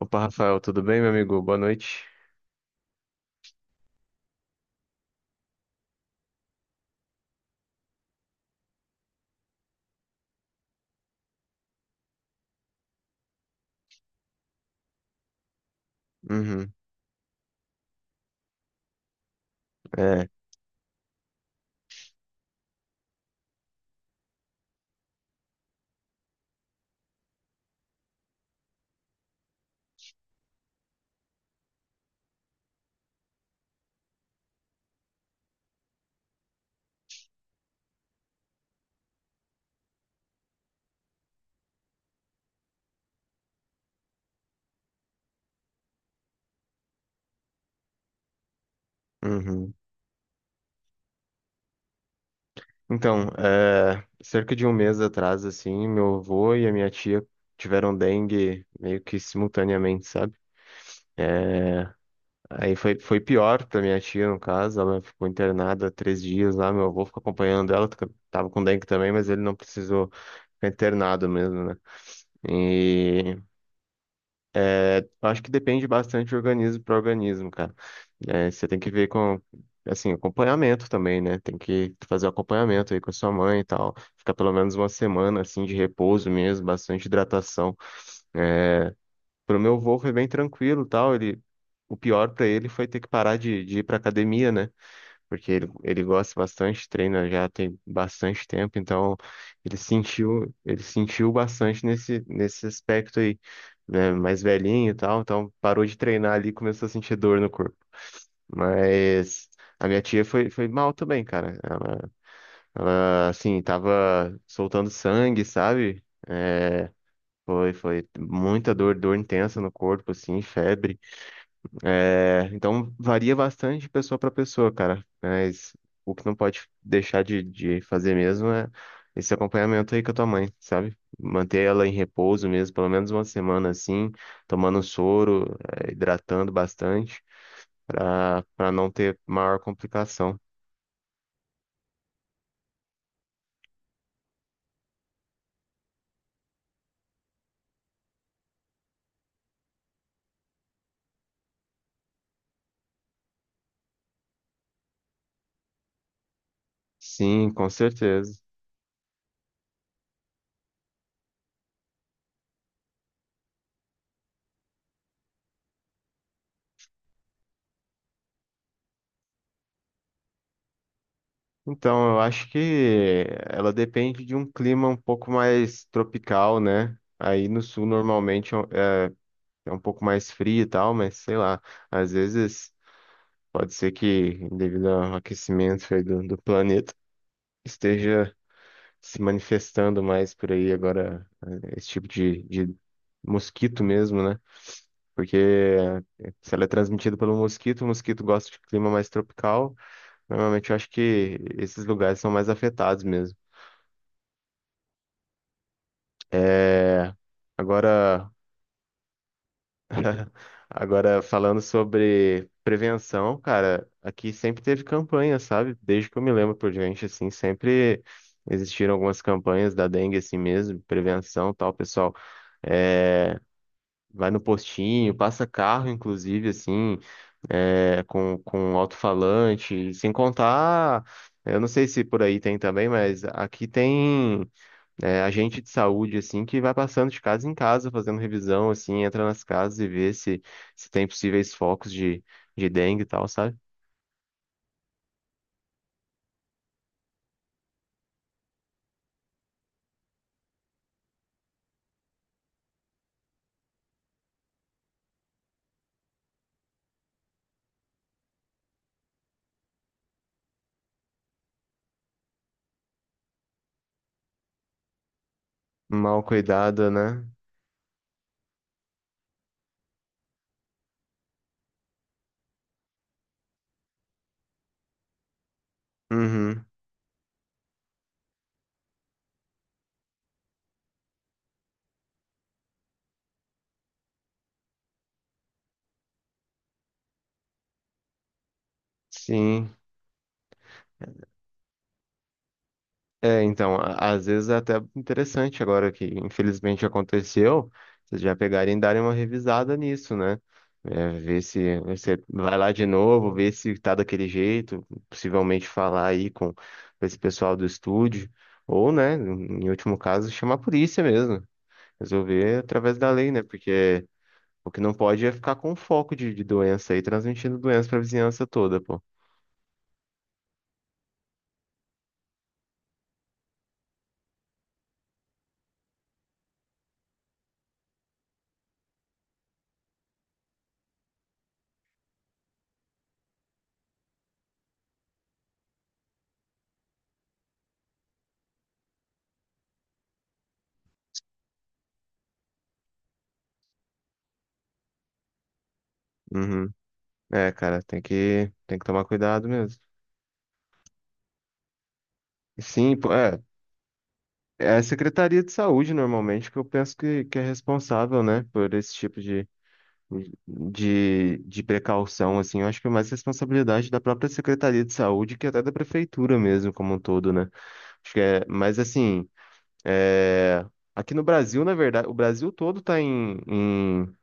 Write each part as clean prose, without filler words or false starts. Opa, Rafael, tudo bem, meu amigo? Boa noite. Uhum, é, uhum. Então, cerca de um mês atrás, assim, meu avô e a minha tia tiveram dengue meio que simultaneamente, sabe? É, aí foi pior pra minha tia, no caso. Ela ficou internada 3 dias lá, meu avô ficou acompanhando ela, tava com dengue também, mas ele não precisou ficar internado mesmo, né? E Acho que depende bastante de organismo para organismo, cara. Você tem que ver com, assim, acompanhamento também, né? Tem que fazer o acompanhamento aí com a sua mãe e tal. Ficar pelo menos uma semana, assim, de repouso mesmo, bastante hidratação. É, Pro meu avô foi bem tranquilo e tal. Ele, o pior para ele foi ter que parar de ir pra academia, né? Porque ele gosta bastante, treina já tem bastante tempo. Então ele sentiu bastante nesse aspecto aí, né? Mais velhinho e tal, então parou de treinar ali e começou a sentir dor no corpo. Mas a minha tia foi mal também, cara. Ela, assim, tava soltando sangue, sabe? Foi, foi muita dor, dor intensa no corpo, assim, febre. Então varia bastante de pessoa para pessoa, cara. Mas o que não pode deixar de fazer mesmo é esse acompanhamento aí com a tua mãe, sabe? Manter ela em repouso mesmo, pelo menos uma semana assim, tomando soro, hidratando bastante, para não ter maior complicação. Sim, com certeza. Então, eu acho que ela depende de um clima um pouco mais tropical, né? Aí no sul normalmente é um pouco mais frio e tal, mas sei lá, às vezes pode ser que, devido ao aquecimento aí do planeta, esteja se manifestando mais por aí agora, esse tipo de mosquito mesmo, né? Porque se ela é transmitida pelo mosquito, o mosquito gosta de clima mais tropical, normalmente eu acho que esses lugares são mais afetados mesmo. É, agora. Agora, falando sobre prevenção, cara, aqui sempre teve campanha, sabe? Desde que eu me lembro por diante, assim, sempre existiram algumas campanhas da dengue, assim mesmo, prevenção, tal, pessoal. É, vai no postinho, passa carro, inclusive, assim, com um alto-falante, sem contar. Eu não sei se por aí tem também, mas aqui tem agente de saúde, assim, que vai passando de casa em casa, fazendo revisão, assim, entra nas casas e vê se tem possíveis focos de dengue e tal, sabe? Mal cuidada, né? Uhum. Sim. É, então, às vezes é até interessante agora que infelizmente aconteceu, vocês já pegarem e darem uma revisada nisso, né? Ver se você vai lá de novo, ver se tá daquele jeito, possivelmente falar aí com esse pessoal do estúdio, ou, né, em último caso, chamar a polícia mesmo, resolver através da lei, né? Porque o que não pode é ficar com foco de doença aí, transmitindo doença pra vizinhança toda, pô. Uhum. É, cara, tem que tomar cuidado mesmo. Sim, pô, é. É a Secretaria de Saúde, normalmente, que eu penso que é responsável, né, por esse tipo de precaução, assim. Eu acho que é mais responsabilidade da própria Secretaria de Saúde que até da Prefeitura mesmo, como um todo, né? Acho que é, mas, assim, é, aqui no Brasil, na verdade, o Brasil todo está em, em,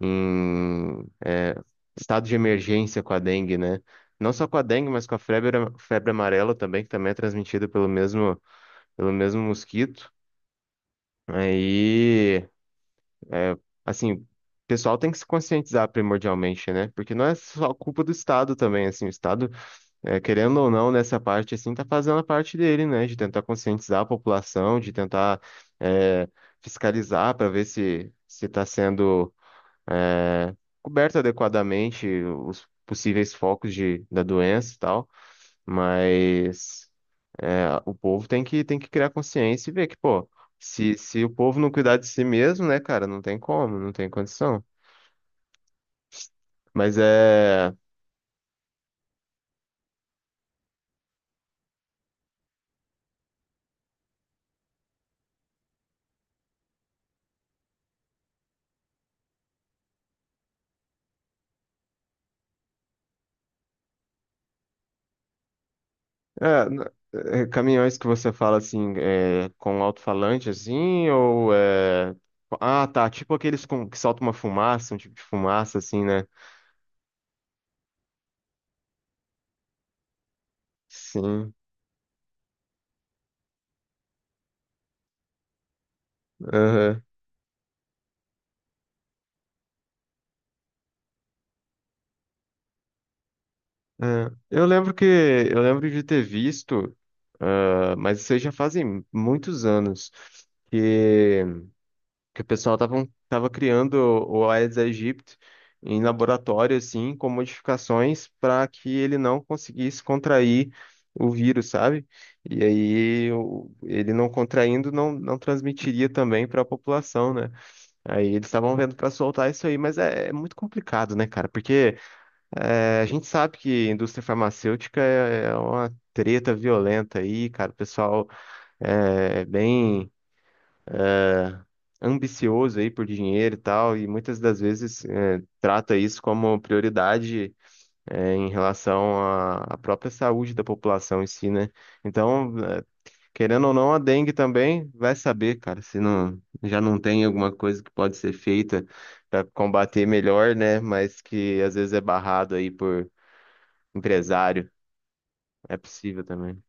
em é, estado de emergência com a dengue, né? Não só com a dengue, mas com a febre amarela também, que também é transmitida pelo pelo mesmo mosquito. Aí É, assim, o pessoal tem que se conscientizar primordialmente, né? Porque não é só culpa do Estado também. Assim, o Estado, querendo ou não, nessa parte, assim, tá fazendo a parte dele, né? De tentar conscientizar a população, de tentar, é, fiscalizar para ver se tá sendo, é, coberto adequadamente os possíveis focos de, da doença e tal, mas o povo tem que criar consciência e ver que, pô, se o povo não cuidar de si mesmo, né, cara, não tem como, não tem condição. Mas é, é, n- é caminhões que você fala assim, é, com alto-falante assim, ou é. Ah, tá. Tipo aqueles com, que soltam uma fumaça, um tipo de fumaça, assim, né? Sim. Aham. Eu lembro que eu lembro de ter visto, ah, mas isso aí já fazem muitos anos. Que o pessoal tava criando o Aedes aegypti em laboratório, assim, com modificações para que ele não conseguisse contrair o vírus, sabe? E aí ele não contraindo não transmitiria também para a população, né? Aí eles estavam vendo para soltar isso aí, mas é muito complicado, né, cara? Porque a gente sabe que indústria farmacêutica é uma treta violenta aí, cara. O pessoal é bem ambicioso aí por dinheiro e tal, e muitas das vezes é, trata isso como prioridade em relação à própria saúde da população em si, né? Então, querendo ou não, a dengue também vai saber, cara, se não já não tem alguma coisa que pode ser feita para combater melhor, né? Mas que às vezes é barrado aí por empresário, é possível também.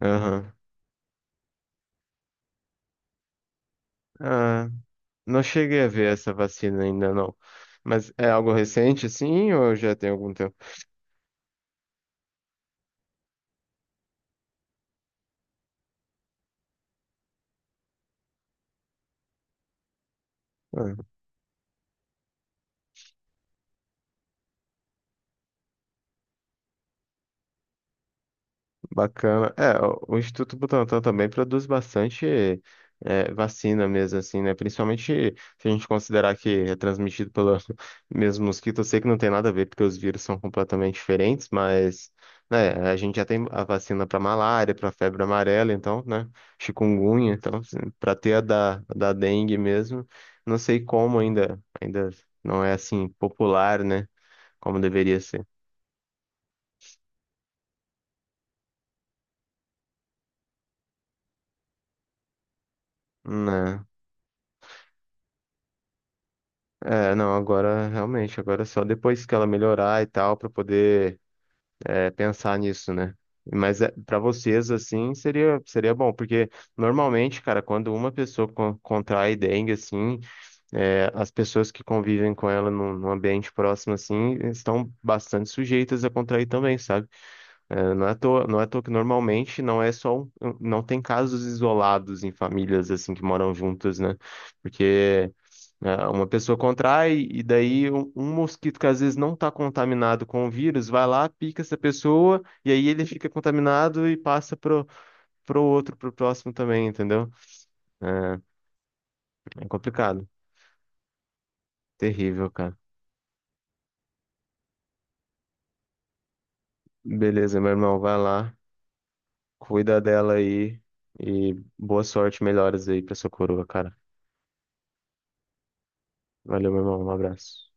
Aham. Ah, não cheguei a ver essa vacina ainda não. Mas é algo recente, assim, ou já tem algum tempo? Ah, bacana. É, o Instituto Butantan também produz bastante vacina mesmo, assim, né? Principalmente se a gente considerar que é transmitido pelo mesmo mosquito. Eu sei que não tem nada a ver, porque os vírus são completamente diferentes, mas, né, a gente já tem a vacina para malária, para febre amarela, então, né? Chikungunya, então, para ter a da dengue mesmo. Não sei como ainda, ainda não é assim popular, né? Como deveria ser. Né? É, não, agora realmente, agora é só depois que ela melhorar e tal, pra poder, pensar nisso, né? Mas é, para vocês, assim, seria bom, porque normalmente, cara, quando uma pessoa contrai dengue, assim, as pessoas que convivem com ela num ambiente próximo, assim, estão bastante sujeitas a contrair também, sabe? É, não é à toa, não é à toa que normalmente não é só, não tem casos isolados em famílias, assim, que moram juntas, né? Porque. É, uma pessoa contrai e daí um mosquito que às vezes não está contaminado com o vírus vai lá, pica essa pessoa e aí ele fica contaminado e passa pro, pro outro, pro próximo também, entendeu? É, é complicado. Terrível, cara. Beleza, meu irmão, vai lá, cuida dela aí e boa sorte, melhoras aí pra sua coroa, cara. Valeu, meu irmão, um abraço.